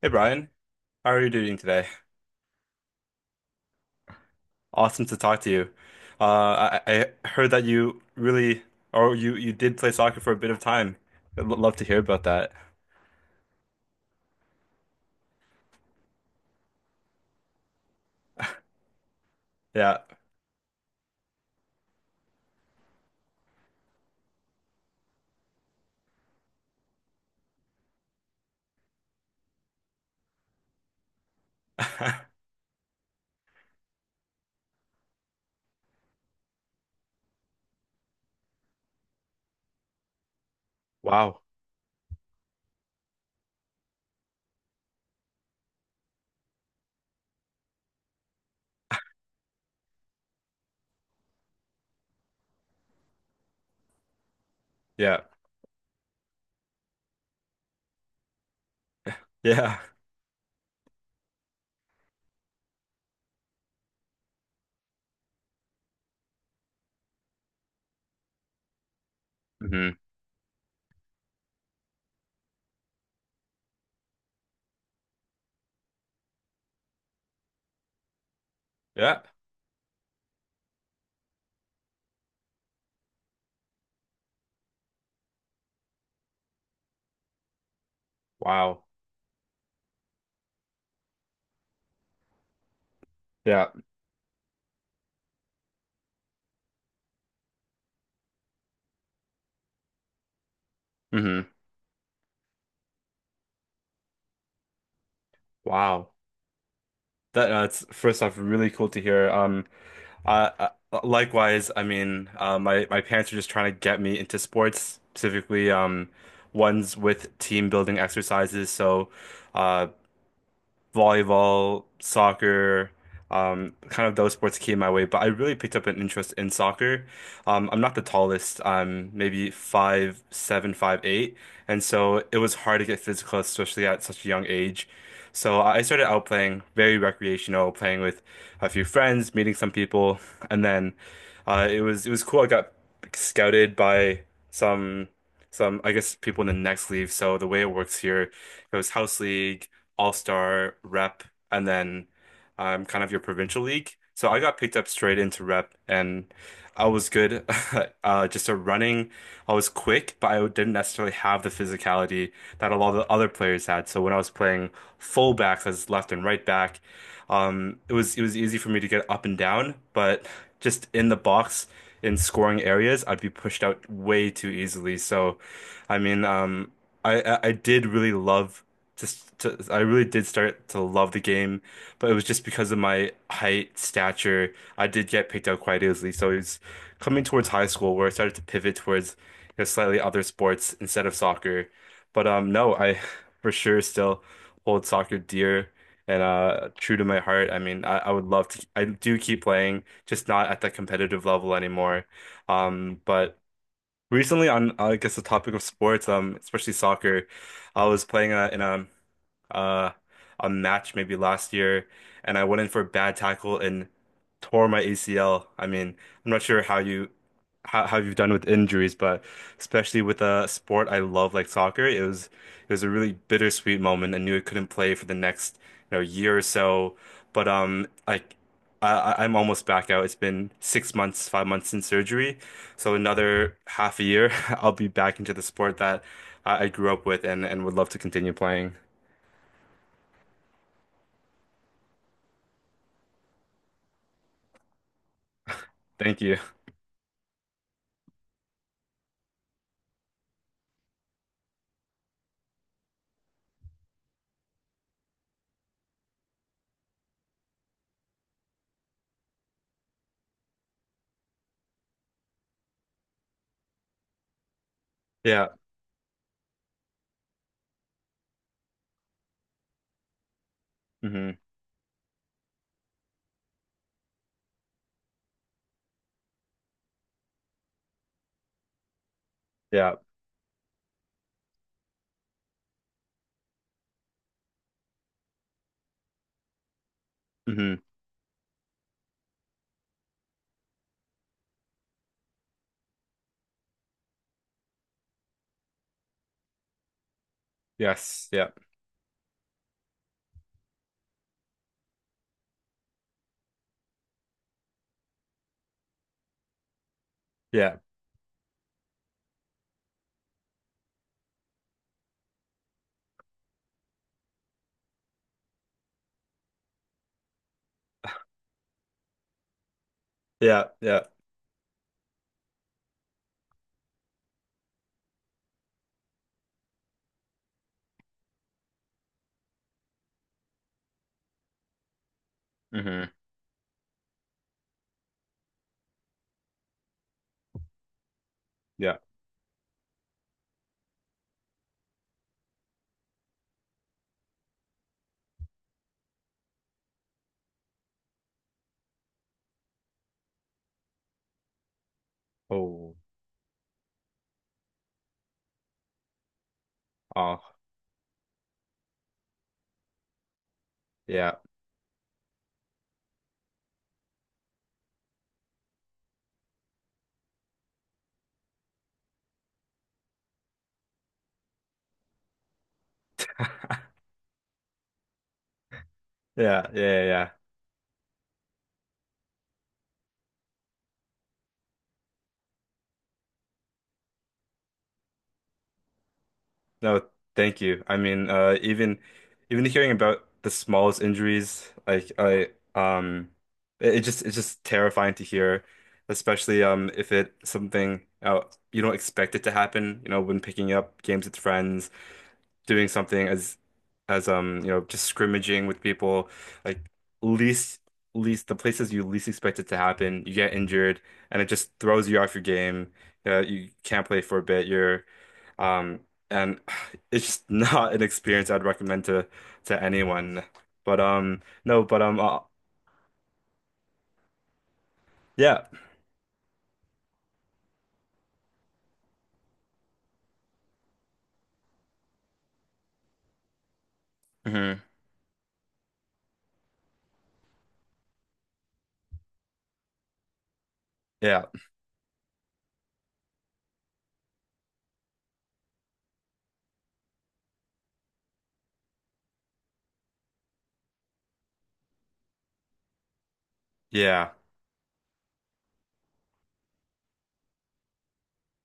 Hey Brian, how are you doing today? Awesome to talk to you. I heard that you really, or you did play soccer for a bit of time. I'd love to hear about that. Yeah. Wow. Yeah. Yeah. hmm Yeah. Wow. Yeah. hmm Wow. It's first off really cool to hear. Uh, Likewise, my parents are just trying to get me into sports, specifically ones with team building exercises. Uh, Volleyball, soccer, kind of those sports came my way, but I really picked up an interest in soccer. I'm not the tallest. I'm maybe five, seven, five, eight, and so it was hard to get physical, especially at such a young age. So I started out playing very recreational, playing with a few friends, meeting some people, and then it was cool. I got scouted by some I guess people in the next league. So the way it works here, it was house league all-star rep and then kind of your provincial league. So I got picked up straight into rep and I was good. Just a running. I was quick, but I didn't necessarily have the physicality that a lot of the other players had. So when I was playing fullbacks as left and right back, it was easy for me to get up and down, but just in the box in scoring areas, I'd be pushed out way too easily. I mean, um, I did really love I really did start to love the game, but it was just because of my height, stature, I did get picked out quite easily. So it was coming towards high school where I started to pivot towards because slightly other sports instead of soccer. But no, I for sure still hold soccer dear and true to my heart. I mean, I would love to. I do keep playing, just not at the competitive level anymore. But Recently on I guess the topic of sports, especially soccer, I was playing in uh a match maybe last year and I went in for a bad tackle and tore my ACL. I mean, I'm not sure how you've done with injuries, but especially with a sport I love like soccer, it was a really bittersweet moment. I knew I couldn't play for the next, you know, year or so. But like I- I'm almost back out. It's been 6 months, 5 months since surgery. So another half a year, I'll be back into the sport that I grew up with and would love to continue playing. Thank you. Yeah. hmm Yeah. hmm Yes. Yeah. Yeah. Yeah. Yeah. hmm Yeah. Oh. Oh. Yeah. Yeah. Yeah. Yeah. No, thank you. Even hearing about the smallest injuries, like I um it, it just it's just terrifying to hear, especially if it something you don't expect it to happen, when picking up games with friends. Doing something as you know just scrimmaging with people like least least the places you least expect it to happen you get injured, and it just throws you off your game. You can't play for a bit you're um and it's just not an experience I'd recommend to anyone. But no but Yeah. hmm Yeah. Yeah.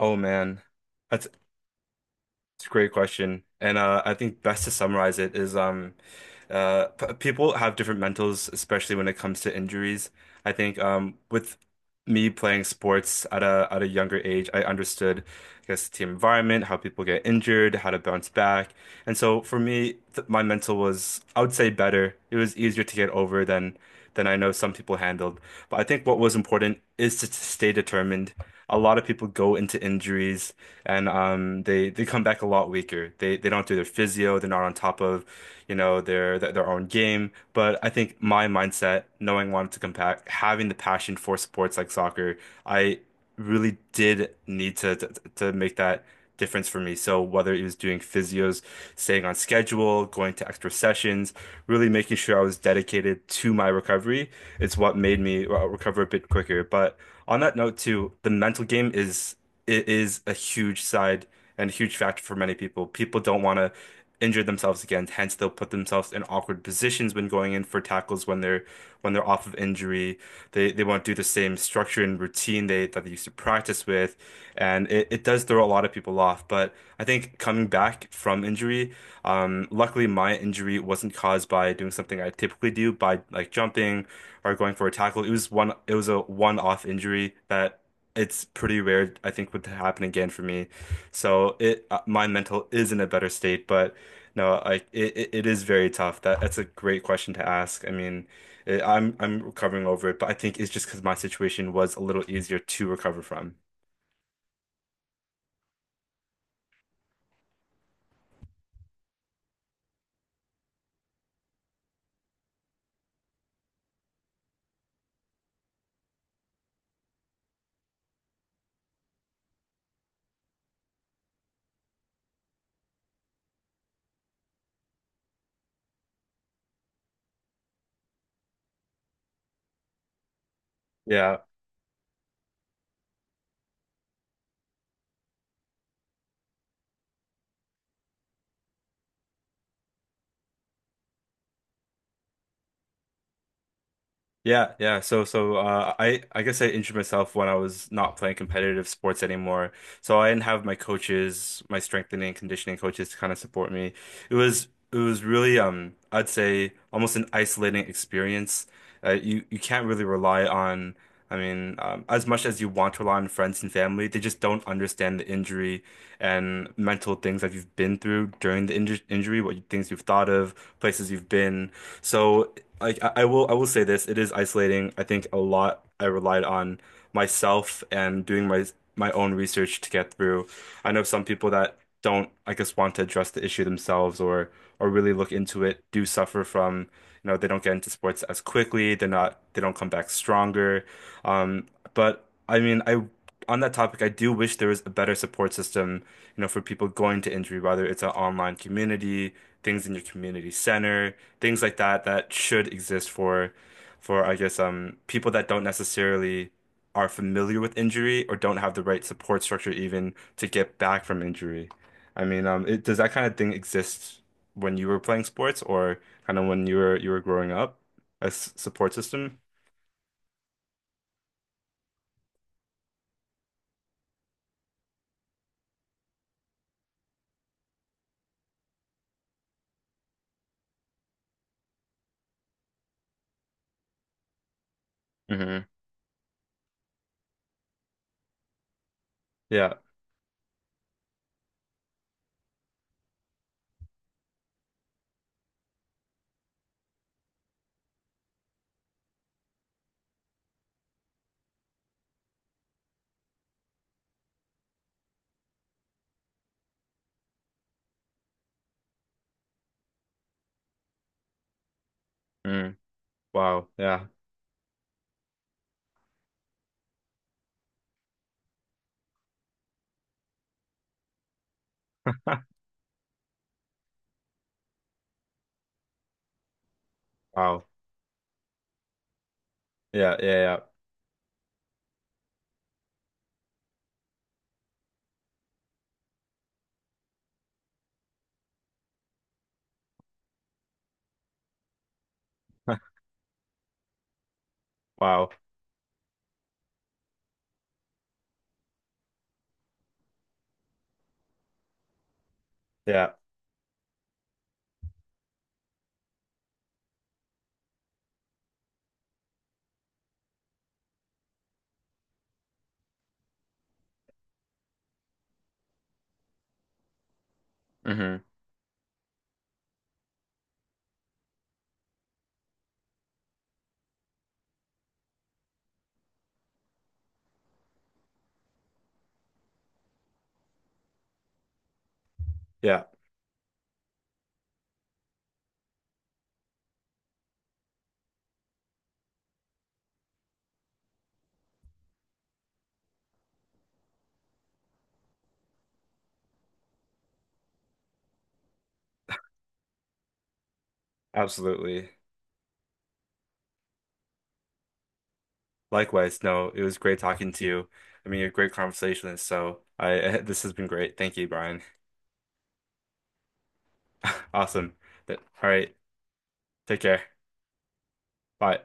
Oh man. That's it's a great question. And I think best to summarize it is p people have different mentals, especially when it comes to injuries. I think with me playing sports at a younger age, I understood, I guess, the team environment, how people get injured, how to bounce back. And so for me, th my mental was, I would say, better. It was easier to get over than I know some people handled. But I think what was important is to stay determined. A lot of people go into injuries and they come back a lot weaker. They don't do their physio. They're not on top of, you know, their own game. But I think my mindset, knowing wanted to come back, having the passion for sports like soccer, I really did need to make that difference for me. So whether it was doing physios, staying on schedule, going to extra sessions, really making sure I was dedicated to my recovery, it's what made me recover a bit quicker. But on that note too, the mental game is it is a huge side and a huge factor for many people. People don't want to injure themselves again, hence they'll put themselves in awkward positions when going in for tackles when they're off of injury. They won't do the same structure and routine they that they used to practice with, and it does throw a lot of people off. But I think coming back from injury, luckily my injury wasn't caused by doing something I typically do by like jumping or going for a tackle. It was a one-off injury that it's pretty rare, I think, would happen again for me. So it my mental is in a better state, but no, it is very tough. That's a great question to ask. I mean, I'm recovering over it, but I think it's just because my situation was a little easier to recover from. Yeah. I guess I injured myself when I was not playing competitive sports anymore. So I didn't have my coaches, my strengthening and conditioning coaches to kind of support me. It was really I'd say almost an isolating experience. You can't really rely on. I mean, as much as you want to rely on friends and family, they just don't understand the injury and mental things that you've been through during the injury, things you've thought of, places you've been. So I will say this, it is isolating. I think a lot I relied on myself and doing my own research to get through. I know some people that don't, I guess, want to address the issue themselves or really look into it, do suffer from, you know, they don't get into sports as quickly, they don't come back stronger. Um, but I mean, I On that topic, I do wish there was a better support system, you know, for people going to injury, whether it's an online community, things in your community center, things like that that should exist for I guess people that don't necessarily are familiar with injury or don't have the right support structure even to get back from injury. I mean, does that kind of thing exist when you were playing sports or kind of when you were growing up? A support system? Hmm Yeah. Mm. Wow. Yeah. Wow. Yeah, yeah, yeah. Wow. Yeah, hmm yeah, absolutely. Likewise, no, it was great talking to you. I mean, you're a great conversationalist, so I this has been great. Thank you, Brian. Awesome. All right, take care. Bye.